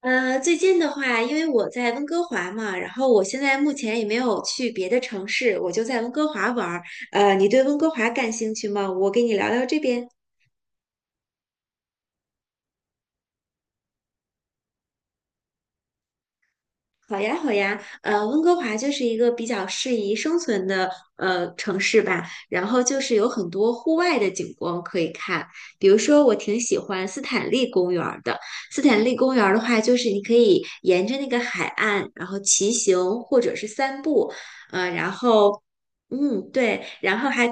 最近的话，因为我在温哥华嘛，然后我现在目前也没有去别的城市，我就在温哥华玩儿。你对温哥华感兴趣吗？我给你聊聊这边。好呀，好呀，温哥华就是一个比较适宜生存的城市吧，然后就是有很多户外的景观可以看，比如说我挺喜欢斯坦利公园儿的。斯坦利公园儿的话，就是你可以沿着那个海岸，然后骑行或者是散步，呃，然后嗯，对，然后还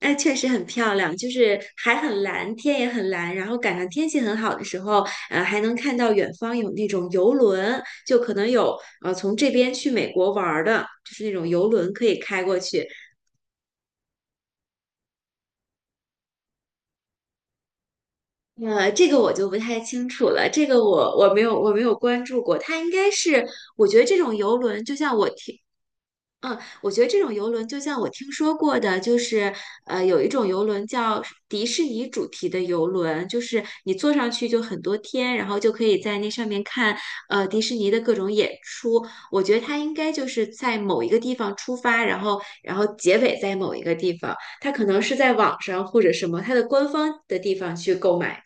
哎，确实很漂亮，就是海很蓝，天也很蓝，然后赶上天气很好的时候，还能看到远方有那种游轮，就可能有从这边去美国玩儿的，就是那种游轮可以开过去。这个我就不太清楚了，这个我没有我没有关注过，它应该是我觉得这种游轮，就像我听嗯，我觉得这种游轮就像我听说过的，就是有一种游轮叫迪士尼主题的游轮，就是你坐上去就很多天，然后就可以在那上面看迪士尼的各种演出。我觉得它应该就是在某一个地方出发，然后结尾在某一个地方，它可能是在网上或者什么它的官方的地方去购买。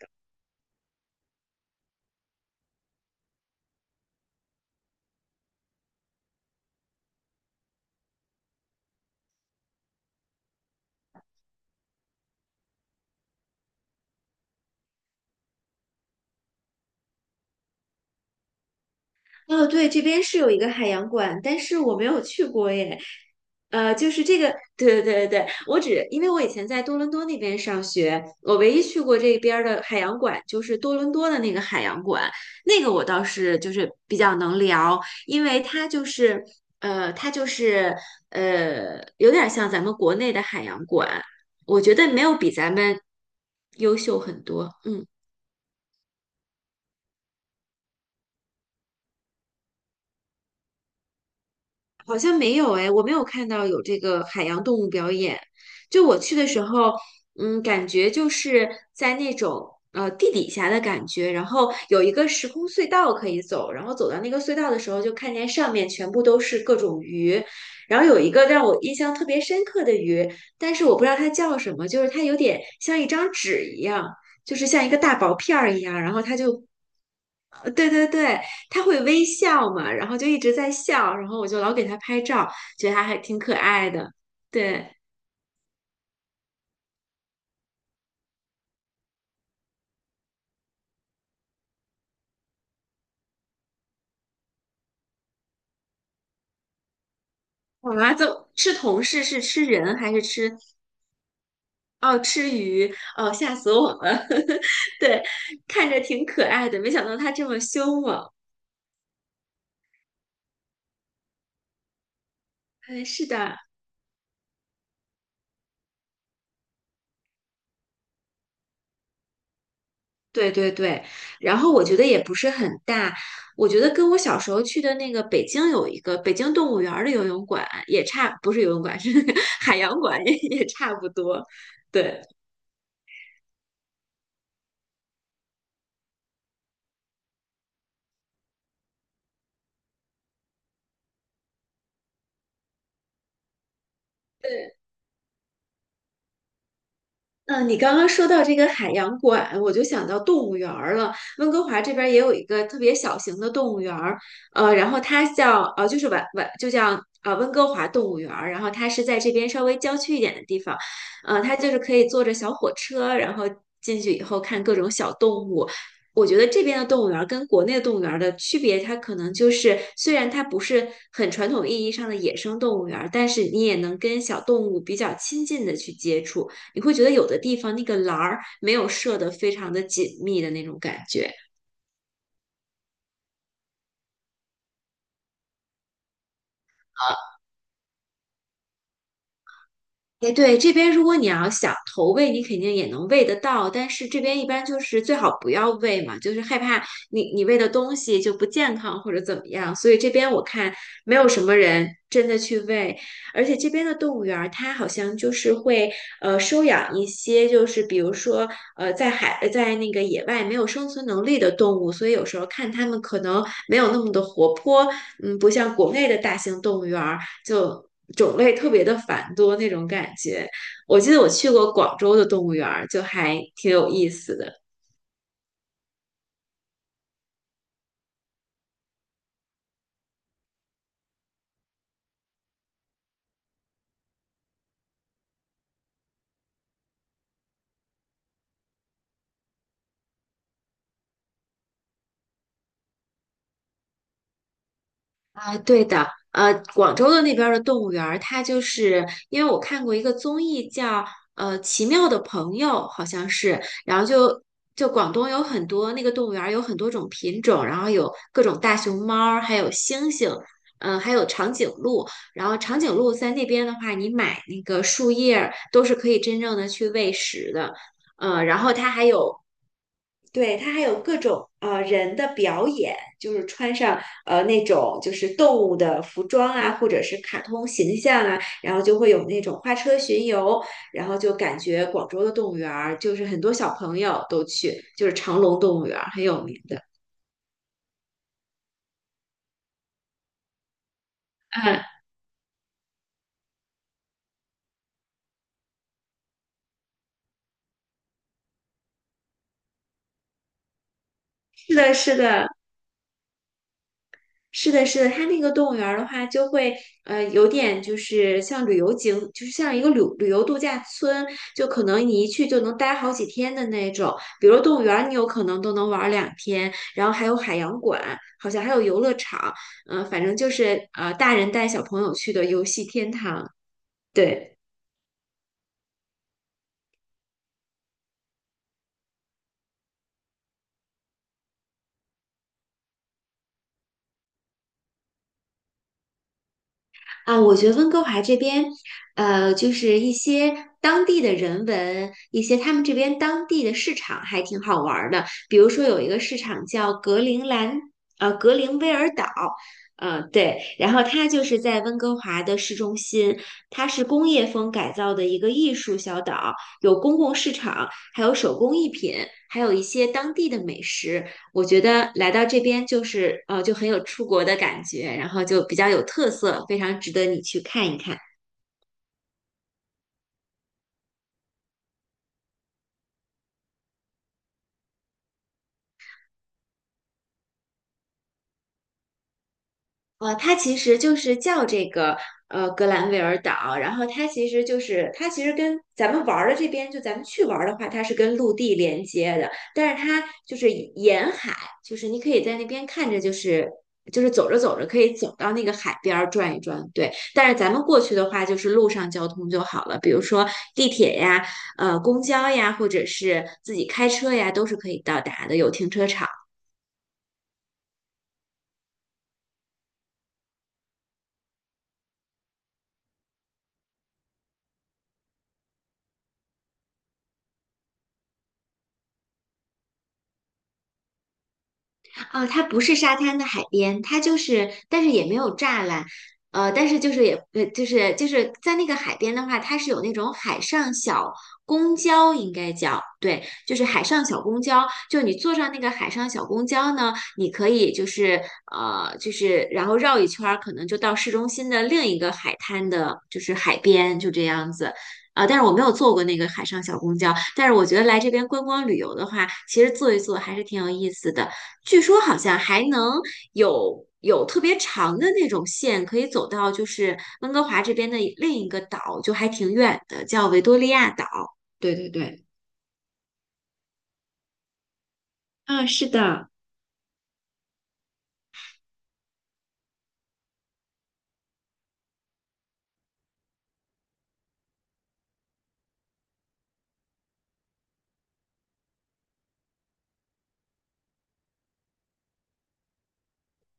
哦，对，这边是有一个海洋馆，但是我没有去过耶。就是这个，对对对对，我只因为我以前在多伦多那边上学，我唯一去过这边儿的海洋馆就是多伦多的那个海洋馆，那个我倒是就是比较能聊，因为它就是有点像咱们国内的海洋馆，我觉得没有比咱们优秀很多，嗯。好像没有哎，我没有看到有这个海洋动物表演。就我去的时候，嗯，感觉就是在那种地底下的感觉，然后有一个时空隧道可以走，然后走到那个隧道的时候，就看见上面全部都是各种鱼，然后有一个让我印象特别深刻的鱼，但是我不知道它叫什么，就是它有点像一张纸一样，就是像一个大薄片儿一样，然后它就对对对，他会微笑嘛，然后就一直在笑，然后我就老给他拍照，觉得他还挺可爱的。对，我妈就吃同事是吃人还是吃？哦，吃鱼，哦，吓死我了。对，看着挺可爱的，没想到他这么凶猛。嗯，是的，对对对。然后我觉得也不是很大，我觉得跟我小时候去的那个北京有一个北京动物园儿的游泳馆也差，不是游泳馆，是 那个海洋馆也差不多。对。对，嗯，你刚刚说到这个海洋馆，我就想到动物园儿了。温哥华这边儿也有一个特别小型的动物园儿，然后它叫就是晚晚就叫温哥华动物园儿，然后它是在这边稍微郊区一点的地方，它就是可以坐着小火车，然后进去以后看各种小动物。我觉得这边的动物园儿跟国内的动物园儿的区别，它可能就是虽然它不是很传统意义上的野生动物园儿，但是你也能跟小动物比较亲近的去接触。你会觉得有的地方那个栏儿没有设得非常的紧密的那种感觉。哎，对，这边如果你要想投喂，你肯定也能喂得到，但是这边一般就是最好不要喂嘛，就是害怕你喂的东西就不健康或者怎么样，所以这边我看没有什么人真的去喂，而且这边的动物园儿它好像就是会收养一些就是比如说在海在那个野外没有生存能力的动物，所以有时候看它们可能没有那么的活泼，嗯，不像国内的大型动物园儿。就种类特别的繁多那种感觉。我记得我去过广州的动物园儿，就还挺有意思的。啊，对的，广州的那边儿的动物园儿，它就是因为我看过一个综艺叫《奇妙的朋友》，好像是，然后就就广东有很多那个动物园儿有很多种品种，然后有各种大熊猫儿，还有猩猩，嗯、还有长颈鹿，然后长颈鹿在那边的话，你买那个树叶儿都是可以真正的去喂食的，然后它还有对，它还有各种人的表演，就是穿上那种就是动物的服装啊，或者是卡通形象啊，然后就会有那种花车巡游，然后就感觉广州的动物园儿就是很多小朋友都去，就是长隆动物园儿很有名的。嗯，是的，是的。是的，是的，它那个动物园儿的话，就会有点就是像旅游景，就是像一个旅游度假村，就可能你一去就能待好几天的那种。比如动物园儿，你有可能都能玩儿两天，然后还有海洋馆，好像还有游乐场，嗯、反正就是大人带小朋友去的游戏天堂。对。啊，我觉得温哥华这边，就是一些当地的人文，一些他们这边当地的市场还挺好玩儿的。比如说有一个市场叫格陵兰，格陵威尔岛，对，然后它就是在温哥华的市中心，它是工业风改造的一个艺术小岛，有公共市场，还有手工艺品，还有一些当地的美食。我觉得来到这边就是就很有出国的感觉，然后就比较有特色，非常值得你去看一看。它其实就是叫这个格兰维尔岛，然后它其实跟咱们玩儿的这边，就咱们去玩儿的话，它是跟陆地连接的，但是它就是沿海，就是你可以在那边看着，就是走着走着可以走到那个海边儿转一转，对。但是咱们过去的话，就是路上交通就好了，比如说地铁呀、公交呀，或者是自己开车呀，都是可以到达的，有停车场。啊，它不是沙滩的海边，它就是，但是也没有栅栏，但是就是也，就是在那个海边的话，它是有那种海上小公交，应该叫，对，就是海上小公交，就你坐上那个海上小公交呢，你可以就是就是然后绕一圈儿，可能就到市中心的另一个海滩的，就是海边，就这样子。啊，但是我没有坐过那个海上小公交，但是我觉得来这边观光旅游的话，其实坐一坐还是挺有意思的。据说好像还能有特别长的那种线，可以走到就是温哥华这边的另一个岛，就还挺远的，叫维多利亚岛。对对对，啊，是的，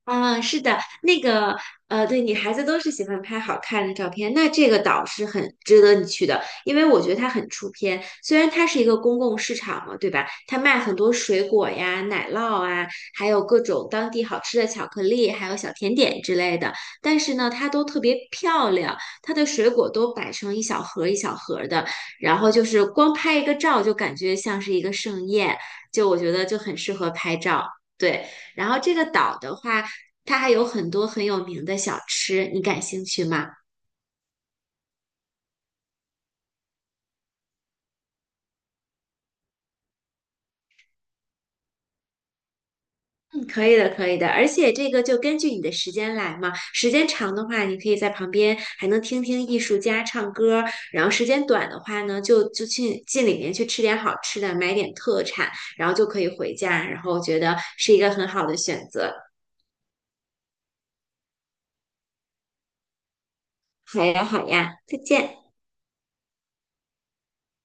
啊，是的，那个，对，女孩子都是喜欢拍好看的照片，那这个岛是很值得你去的，因为我觉得它很出片。虽然它是一个公共市场嘛，对吧？它卖很多水果呀、奶酪啊，还有各种当地好吃的巧克力，还有小甜点之类的。但是呢，它都特别漂亮，它的水果都摆成一小盒儿一小盒儿的，然后就是光拍一个照就感觉像是一个盛宴，就我觉得就很适合拍照。对，然后这个岛的话，它还有很多很有名的小吃，你感兴趣吗？嗯，可以的，可以的。而且这个就根据你的时间来嘛，时间长的话，你可以在旁边还能听听艺术家唱歌然后时间短的话呢，就去进里面去吃点好吃的，买点特产，然后就可以回家。然后我觉得是一个很好的选择。好呀，好呀，再见。